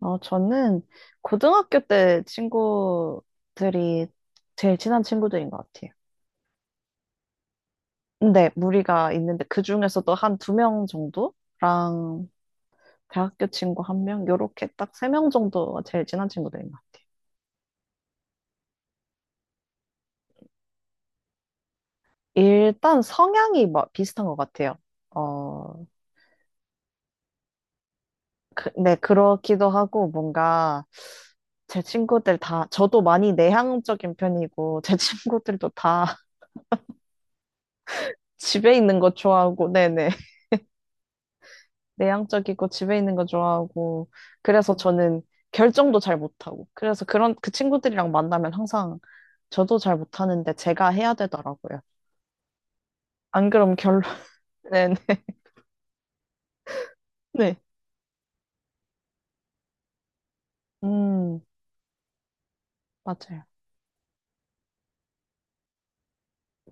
저는 고등학교 때 친구들이 제일 친한 친구들인 것 같아요. 근데 무리가 있는데 그 중에서도 한 두 명 정도랑 대학교 친구 1명, 요렇게 딱 3명 정도가 제일 친한 친구들인 것 같아요. 일단 성향이 뭐 비슷한 것 같아요. 어, 네, 그렇기도 하고 뭔가 제 친구들 다, 저도 많이 내향적인 편이고 제 친구들도 다 집에 있는 거 좋아하고, 네네. 내향적이고 집에 있는 거 좋아하고 그래서 저는 결정도 잘 못하고 그래서 그런 그 친구들이랑 만나면 항상 저도 잘 못하는데 제가 해야 되더라고요. 안 그럼 결론 네네 네. 음 맞아요.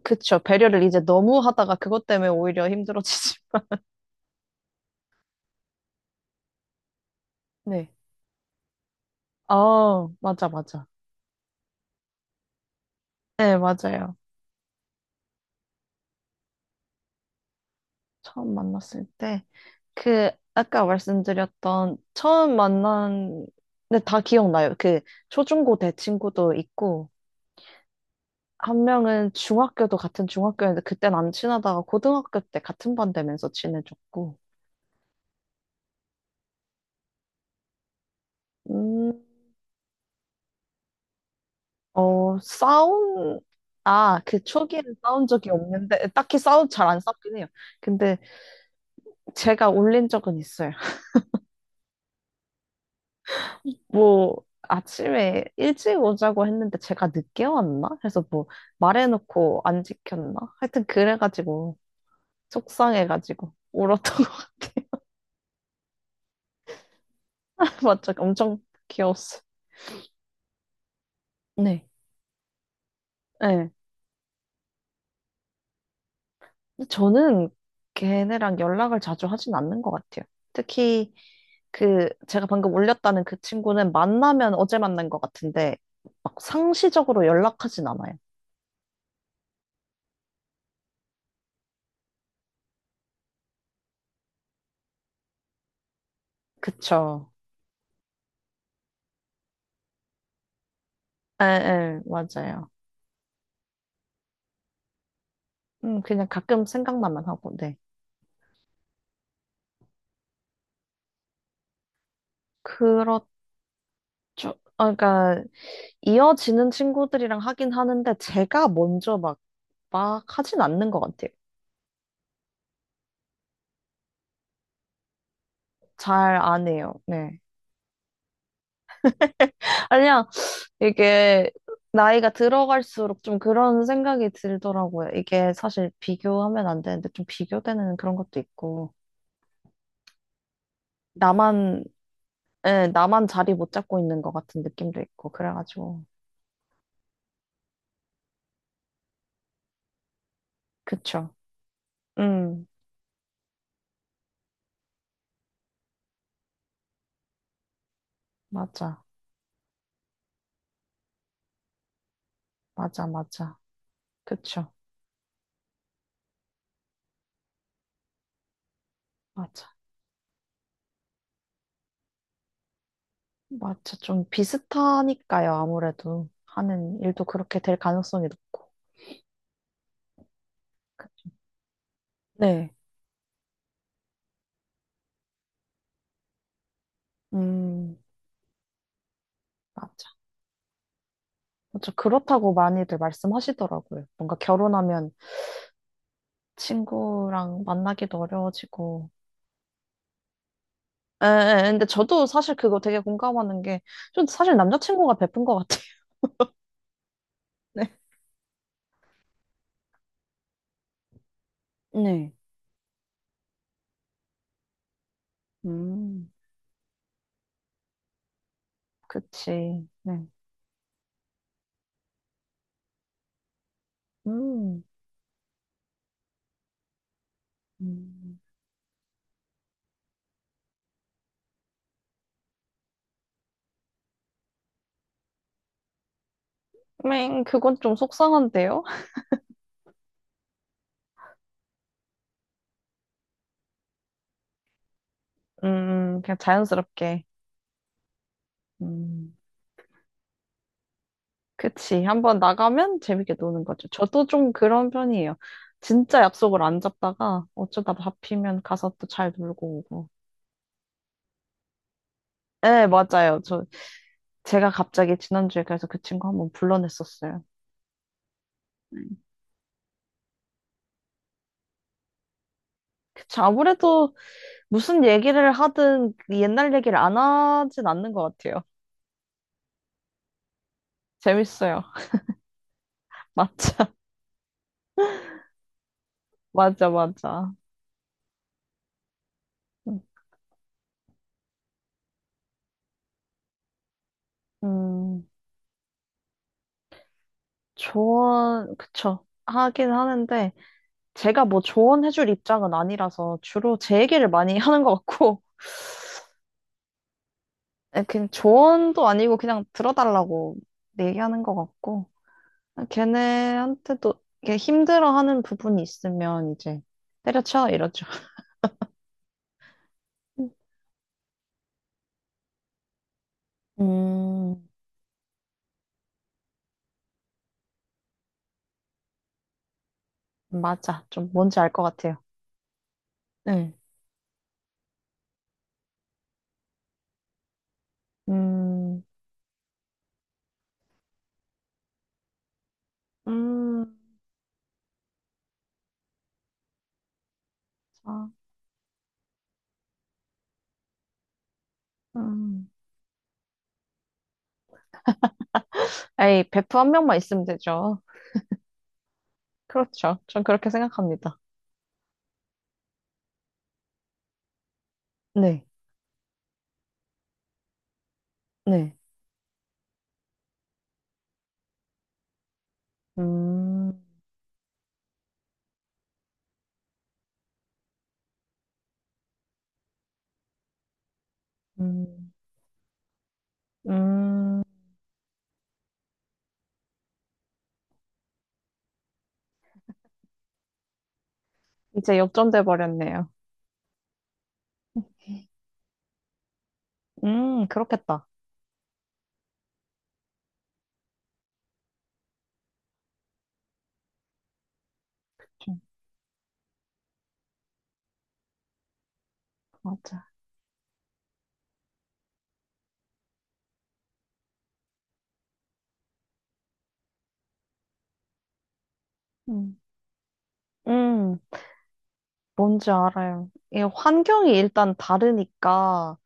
그쵸, 배려를 이제 너무 하다가 그것 때문에 오히려 힘들어지지. 네. 아, 맞아 맞아. 네, 맞아요. 처음 만났을 때 그 아까 말씀드렸던 처음 만난, 근데 다 기억나요. 초중고 대 친구도 있고 한 명은 중학교도 같은 중학교였는데 그땐 안 친하다가 고등학교 때 같은 반 되면서 친해졌고. 음, 어, 싸운, 아, 그 초기에는 싸운 적이 없는데, 딱히 싸운, 잘 안 싸우긴 해요. 근데 제가 올린 적은 있어요. 뭐, 아침에 일찍 오자고 했는데 제가 늦게 왔나? 해서 뭐, 말해놓고 안 지켰나? 하여튼 그래가지고, 속상해가지고, 울었던 것 같아요. 맞죠? 엄청 귀여웠어요. 네. 네. 근데 저는 걔네랑 연락을 자주 하진 않는 것 같아요. 특히 그 제가 방금 올렸다는 그 친구는 만나면 어제 만난 것 같은데 막 상시적으로 연락하진 않아요. 그쵸. 에, 에, 맞아요. 그냥 가끔 생각만 하고, 네. 그렇죠. 아, 그러니까 이어지는 친구들이랑 하긴 하는데 제가 먼저 막 하진 않는 것 같아요. 잘 안 해요. 네. 아니, 이게 나이가 들어갈수록 좀 그런 생각이 들더라고요. 이게 사실 비교하면 안 되는데 좀 비교되는 그런 것도 있고, 나만, 예, 나만 자리 못 잡고 있는 것 같은 느낌도 있고, 그래가지고. 그쵸. 음, 맞아. 맞아, 맞아. 그쵸. 맞아. 맞아. 좀 비슷하니까요, 아무래도. 하는 일도 그렇게 될 가능성이 높고. 그- 네. 음, 맞아. 맞아. 그렇다고 많이들 말씀하시더라고요. 뭔가 결혼하면 친구랑 만나기도 어려워지고. 에, 에, 근데 저도 사실 그거 되게 공감하는 게, 좀 사실 남자친구가 베푼 것 같아요. 네. 네. 음. 그치. 네. 음. 음. 맹, 그건 좀 속상한데요? 그냥 자연스럽게. 음, 그치. 한번 나가면 재밌게 노는 거죠. 저도 좀 그런 편이에요. 진짜 약속을 안 잡다가 어쩌다 잡히면 가서 또 잘 놀고 오고. 네, 맞아요. 제가 갑자기 지난주에 그래서 그 친구 한번 불러냈었어요. 네. 그쵸. 아무래도 무슨 얘기를 하든 그 옛날 얘기를 안 하진 않는 것 같아요. 재밌어요. 맞아, 맞아, 맞아. 음, 음, 조언, 그쵸. 하긴 하는데, 제가 뭐 조언해줄 입장은 아니라서 주로 제 얘기를 많이 하는 것 같고, 예, 그냥 조언도 아니고 그냥 들어달라고 얘기하는 것 같고, 아, 걔네한테도 이렇게 힘들어하는 부분이 있으면 이제 때려쳐 이러죠. 음, 맞아. 좀 뭔지 알 것 같아요. 네. 음, 음, 자, 음. 에이, 베프 한 명만 있으면 되죠. 그렇죠. 전 그렇게 생각합니다. 네. 네. 음, 음, 음, 이제 역전돼 버렸네요. 그렇겠다. 좀, 맞아. 음, 음. 뭔지 알아요. 이 환경이 일단 다르니까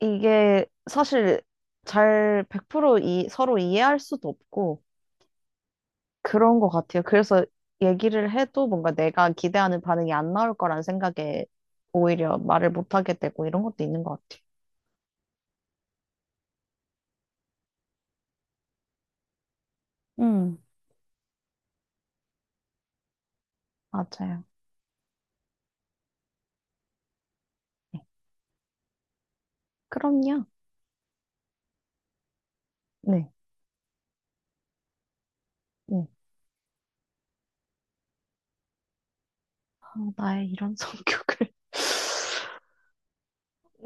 이게 사실 잘 100% 이, 서로 이해할 수도 없고 그런 것 같아요. 그래서 얘기를 해도 뭔가 내가 기대하는 반응이 안 나올 거란 생각에 오히려 말을 못 하게 되고 이런 것도 있는 것 음. 같아요. 맞아요. 네. 그럼요. 네. 네. 아, 나의 이런 성격을.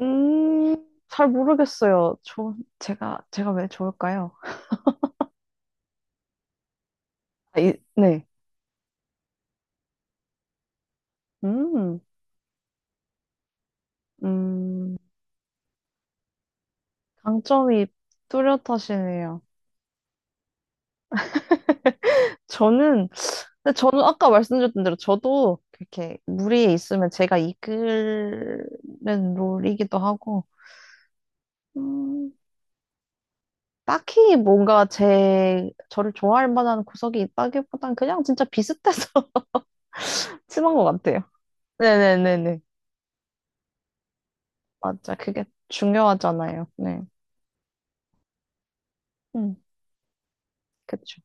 음, 잘 모르겠어요. 제가 왜 좋을까요? 아, 네. 음. 음, 강점이 뚜렷하시네요. 저는, 근데 저는 아까 말씀드렸던 대로 저도 이렇게 무리에 있으면 제가 이끄는 롤이기도 하고, 음, 딱히 뭔가 제, 저를 좋아할 만한 구석이 있다기보단 그냥 진짜 비슷해서 친한 것 같아요. 네네네네. 맞아. 그게 중요하잖아요. 네. 음, 그쵸.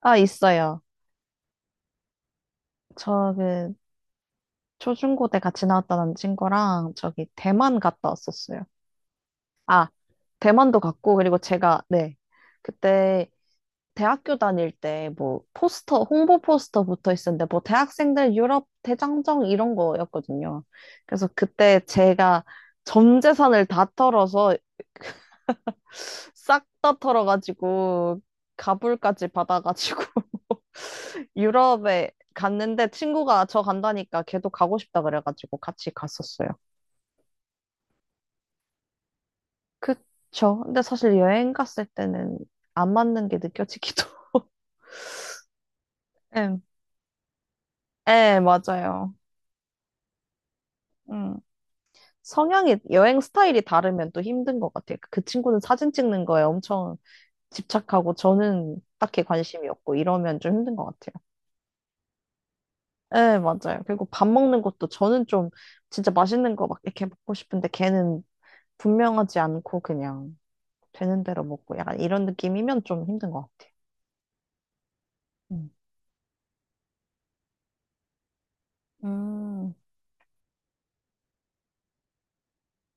아, 있어요. 저 초중고때 같이 나왔던 친구랑 저기 대만 갔다 왔었어요. 아, 대만도 갔고, 그리고 네. 그때 대학교 다닐 때 뭐 포스터, 홍보 포스터 붙어 있었는데 뭐 대학생들 유럽 대장정 이런 거였거든요. 그래서 그때 제가 전 재산을 다 털어서 싹 다 털어가지고 가불까지 받아가지고 유럽에 갔는데 친구가 저 간다니까 걔도 가고 싶다 그래가지고 같이 갔었어요. 그쵸. 근데 사실 여행 갔을 때는 안 맞는 게 느껴지기도. 예, 예, 맞아요. 음. 성향이, 여행 스타일이 다르면 또 힘든 것 같아요. 그 친구는 사진 찍는 거에 엄청 집착하고 저는 딱히 관심이 없고 이러면 좀 힘든 것 같아요. 예, 맞아요. 그리고 밥 먹는 것도 저는 좀 진짜 맛있는 거 막 이렇게 먹고 싶은데 걔는 분명하지 않고 그냥 되는 대로 먹고 약간 이런 느낌이면 좀 힘든 것 같아요. 음, 음,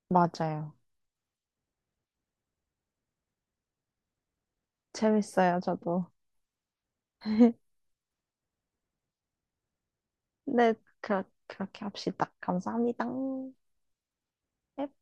맞아요. 재밌어요, 저도. 네, 그렇게 합시다. 감사합니다. 넵.